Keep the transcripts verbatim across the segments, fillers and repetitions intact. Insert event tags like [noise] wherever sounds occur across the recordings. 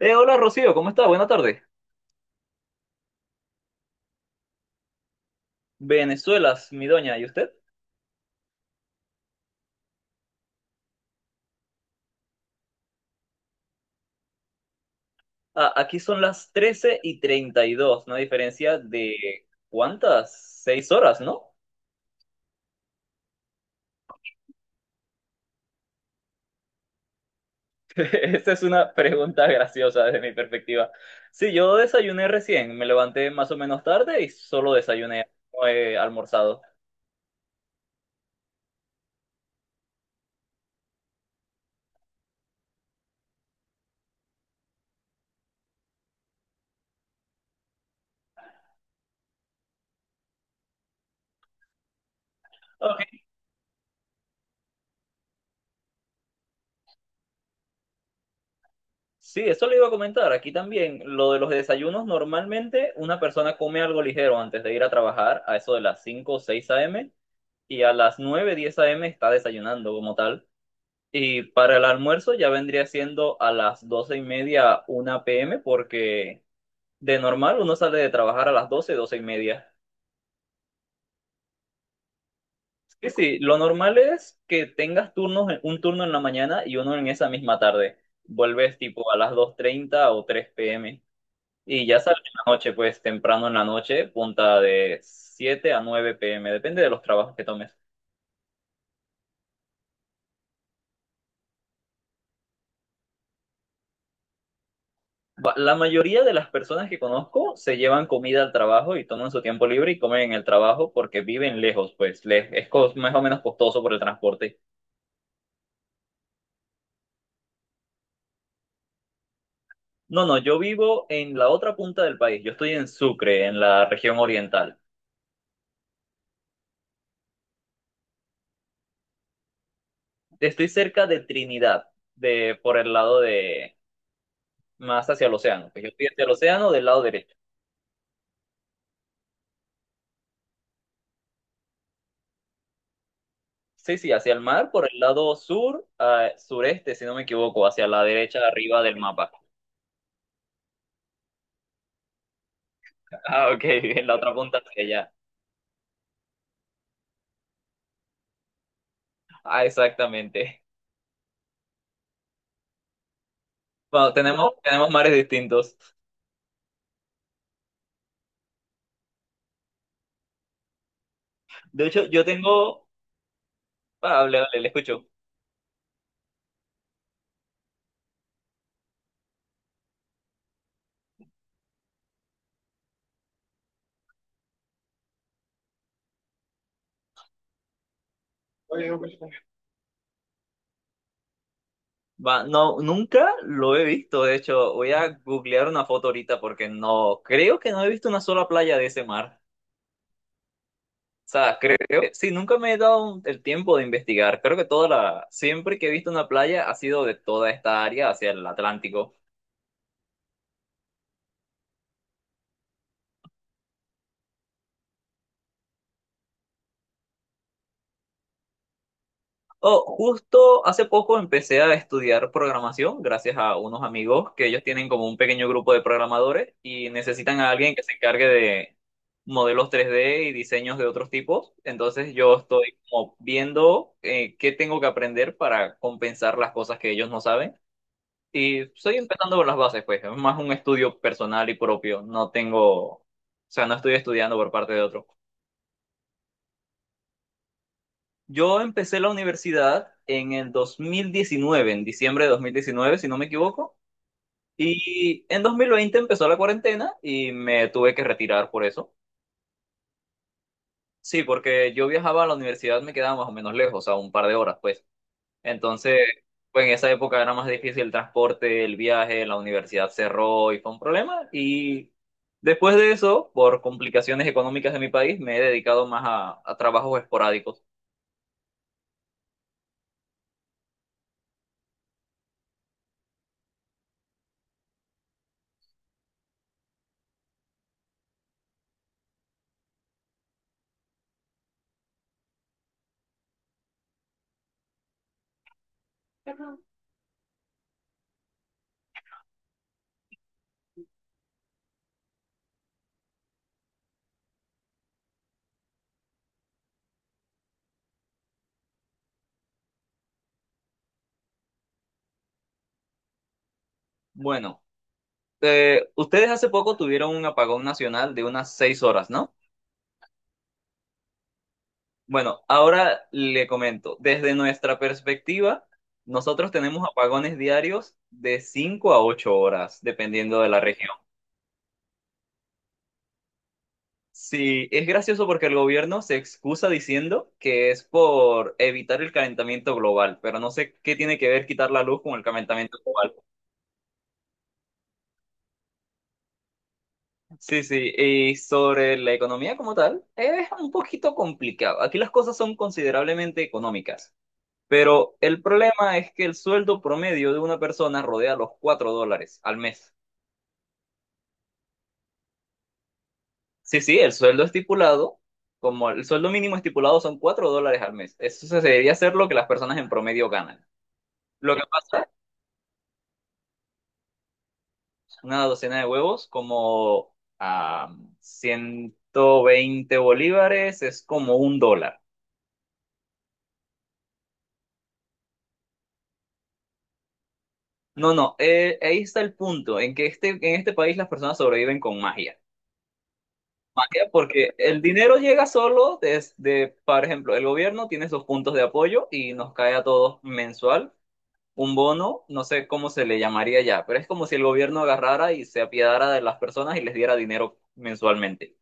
Eh, hola Rocío, ¿cómo está? Buena tarde. Venezuela, mi doña, ¿y usted? Ah, aquí son las trece y treinta y dos, una diferencia de ¿cuántas? Seis horas, ¿no? [laughs] Esa es una pregunta graciosa desde mi perspectiva. Sí, yo desayuné recién, me levanté más o menos tarde y solo desayuné, no he almorzado. Ok. Sí, eso le iba a comentar. Aquí también, lo de los desayunos, normalmente una persona come algo ligero antes de ir a trabajar a eso de las cinco o seis a m Y a las nueve diez a m está desayunando como tal. Y para el almuerzo ya vendría siendo a las doce y media, una p m, porque de normal uno sale de trabajar a las doce, doce y media. Sí, sí, lo normal es que tengas turnos, un turno en la mañana y uno en esa misma tarde. Vuelves tipo a las dos treinta o tres p m. Y ya sales en la noche, pues temprano en la noche, punta de siete a nueve p m, depende de los trabajos que tomes. ba- La mayoría de las personas que conozco se llevan comida al trabajo y toman su tiempo libre y comen en el trabajo porque viven lejos, pues les es cos- más o menos costoso por el transporte. No, no, yo vivo en la otra punta del país. Yo estoy en Sucre, en la región oriental. Estoy cerca de Trinidad, de por el lado de más hacia el océano. Pues yo estoy hacia el océano del lado derecho. Sí, sí, hacia el mar, por el lado sur, ah, sureste, si no me equivoco, hacia la derecha arriba del mapa. Ah, ok, [laughs] en la otra punta hacia allá. Ah, exactamente. Wow, tenemos, tenemos mares distintos. De hecho, yo tengo. Ah, hable, hable, le escucho. Va, no, nunca lo he visto. De hecho, voy a googlear una foto ahorita porque no. Creo que no he visto una sola playa de ese mar. O sea, creo que sí, nunca me he dado un- el tiempo de investigar. Creo que toda la. Siempre que he visto una playa ha sido de toda esta área hacia el Atlántico. Oh, justo hace poco empecé a estudiar programación gracias a unos amigos que ellos tienen como un pequeño grupo de programadores y necesitan a alguien que se encargue de modelos tres D y diseños de otros tipos. Entonces yo estoy como viendo eh, qué tengo que aprender para compensar las cosas que ellos no saben. Y estoy empezando por las bases, pues. Es más un estudio personal y propio. No tengo, o sea, no estoy estudiando por parte de otro. Yo empecé la universidad en el dos mil diecinueve, en diciembre de dos mil diecinueve, si no me equivoco, y en dos mil veinte empezó la cuarentena y me tuve que retirar por eso. Sí, porque yo viajaba a la universidad, me quedaba más o menos lejos, a un par de horas, pues. Entonces, pues en esa época era más difícil el transporte, el viaje, la universidad cerró y fue un problema. Y después de eso, por complicaciones económicas de mi país, me he dedicado más a a trabajos esporádicos. Bueno, eh, ustedes hace poco tuvieron un apagón nacional de unas seis horas, ¿no? Bueno, ahora le comento, desde nuestra perspectiva, nosotros tenemos apagones diarios de cinco a ocho horas, dependiendo de la región. Sí, es gracioso porque el gobierno se excusa diciendo que es por evitar el calentamiento global, pero no sé qué tiene que ver quitar la luz con el calentamiento global. Sí, sí, y sobre la economía como tal, eh, es un poquito complicado. Aquí las cosas son considerablemente económicas. Pero el problema es que el sueldo promedio de una persona rodea los cuatro dólares al mes. Sí, sí, el sueldo estipulado, como el sueldo mínimo estipulado son cuatro dólares al mes. Eso se debería ser lo que las personas en promedio ganan. Lo que pasa, una docena de huevos como a ciento veinte bolívares es como un dólar. No, no, eh, ahí está el punto, en que este, en este país las personas sobreviven con magia. ¿Para qué? Porque el dinero llega solo desde, por ejemplo, el gobierno tiene sus puntos de apoyo y nos cae a todos mensual un bono, no sé cómo se le llamaría ya, pero es como si el gobierno agarrara y se apiadara de las personas y les diera dinero mensualmente.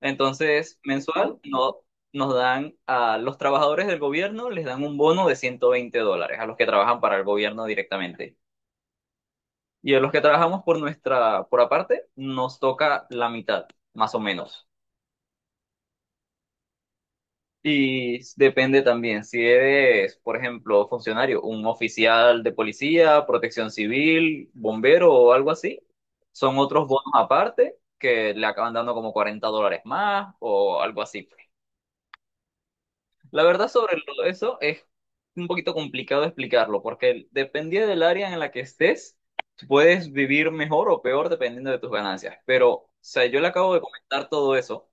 Entonces, mensual no, nos dan a los trabajadores del gobierno, les dan un bono de ciento veinte dólares a los que trabajan para el gobierno directamente. Y a los que trabajamos por nuestra, por aparte, nos toca la mitad, más o menos. Y depende también si eres, por ejemplo, funcionario, un oficial de policía, protección civil, bombero o algo así. Son otros bonos aparte que le acaban dando como cuarenta dólares más o algo así, pues. La verdad sobre lo- eso es un poquito complicado explicarlo porque dependiendo del área en la que estés, puedes vivir mejor o peor dependiendo de tus ganancias. Pero, o sea, yo le acabo de comentar todo eso,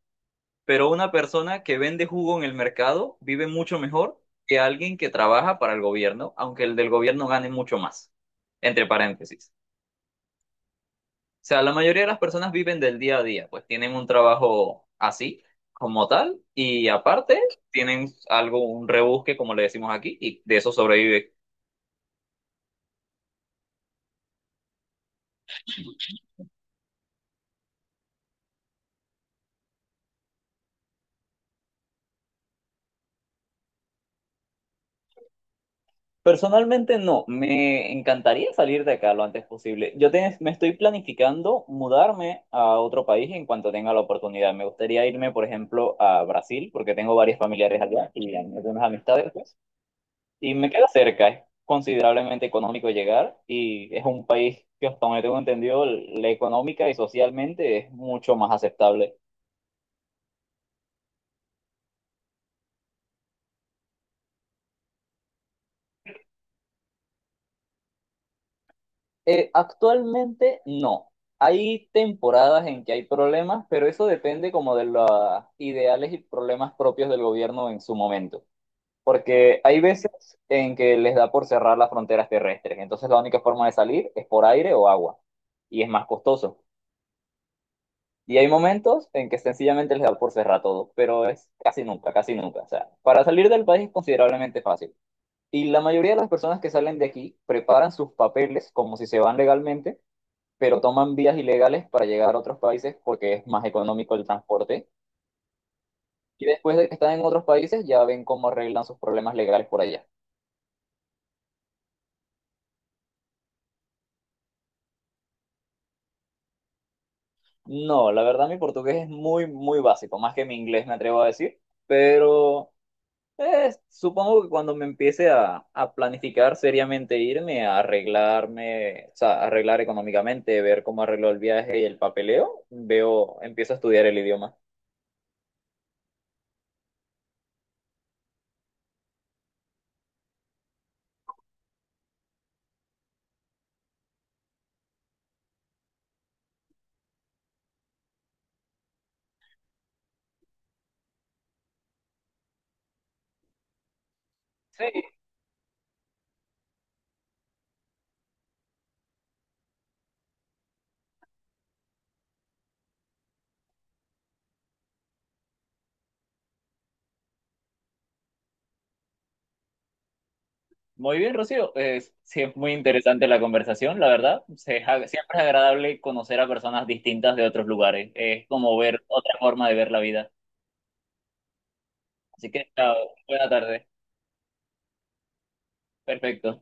pero una persona que vende jugo en el mercado vive mucho mejor que alguien que trabaja para el gobierno, aunque el del gobierno gane mucho más. Entre paréntesis. O sea, la mayoría de las personas viven del día a día, pues tienen un trabajo así, como tal, y aparte tienen algo, un rebusque, como le decimos aquí, y de eso sobrevive. Personalmente no, me encantaría salir de acá lo antes posible. Yo te- me estoy planificando mudarme a otro país en cuanto tenga la oportunidad. Me gustaría irme, por ejemplo, a Brasil, porque tengo varios familiares allá y algunas amistades, pues, y me queda cerca, es considerablemente económico llegar y es un país que hasta donde tengo entendido, la económica y socialmente es mucho más aceptable. Eh, actualmente no. Hay temporadas en que hay problemas, pero eso depende como de los ideales y problemas propios del gobierno en su momento. Porque hay veces en que les da por cerrar las fronteras terrestres, entonces la única forma de salir es por aire o agua, y es más costoso. Y hay momentos en que sencillamente les da por cerrar todo, pero es casi nunca, casi nunca. O sea, para salir del país es considerablemente fácil. Y la mayoría de las personas que salen de aquí preparan sus papeles como si se van legalmente, pero toman vías ilegales para llegar a otros países porque es más económico el transporte. Y después de que están en otros países, ya ven cómo arreglan sus problemas legales por allá. No, la verdad mi portugués es muy, muy básico, más que mi inglés me atrevo a decir, pero eh, supongo que cuando me empiece a, a planificar seriamente irme, a arreglarme, o sea, arreglar económicamente, ver cómo arreglo el viaje y el papeleo, veo, empiezo a estudiar el idioma. Sí, muy bien, Rocío. Es, sí, es muy interesante la conversación, la verdad. Se- ja- siempre es agradable conocer a personas distintas de otros lugares. Es como ver otra forma de ver la vida. Así que, chao, buena tarde. Perfecto.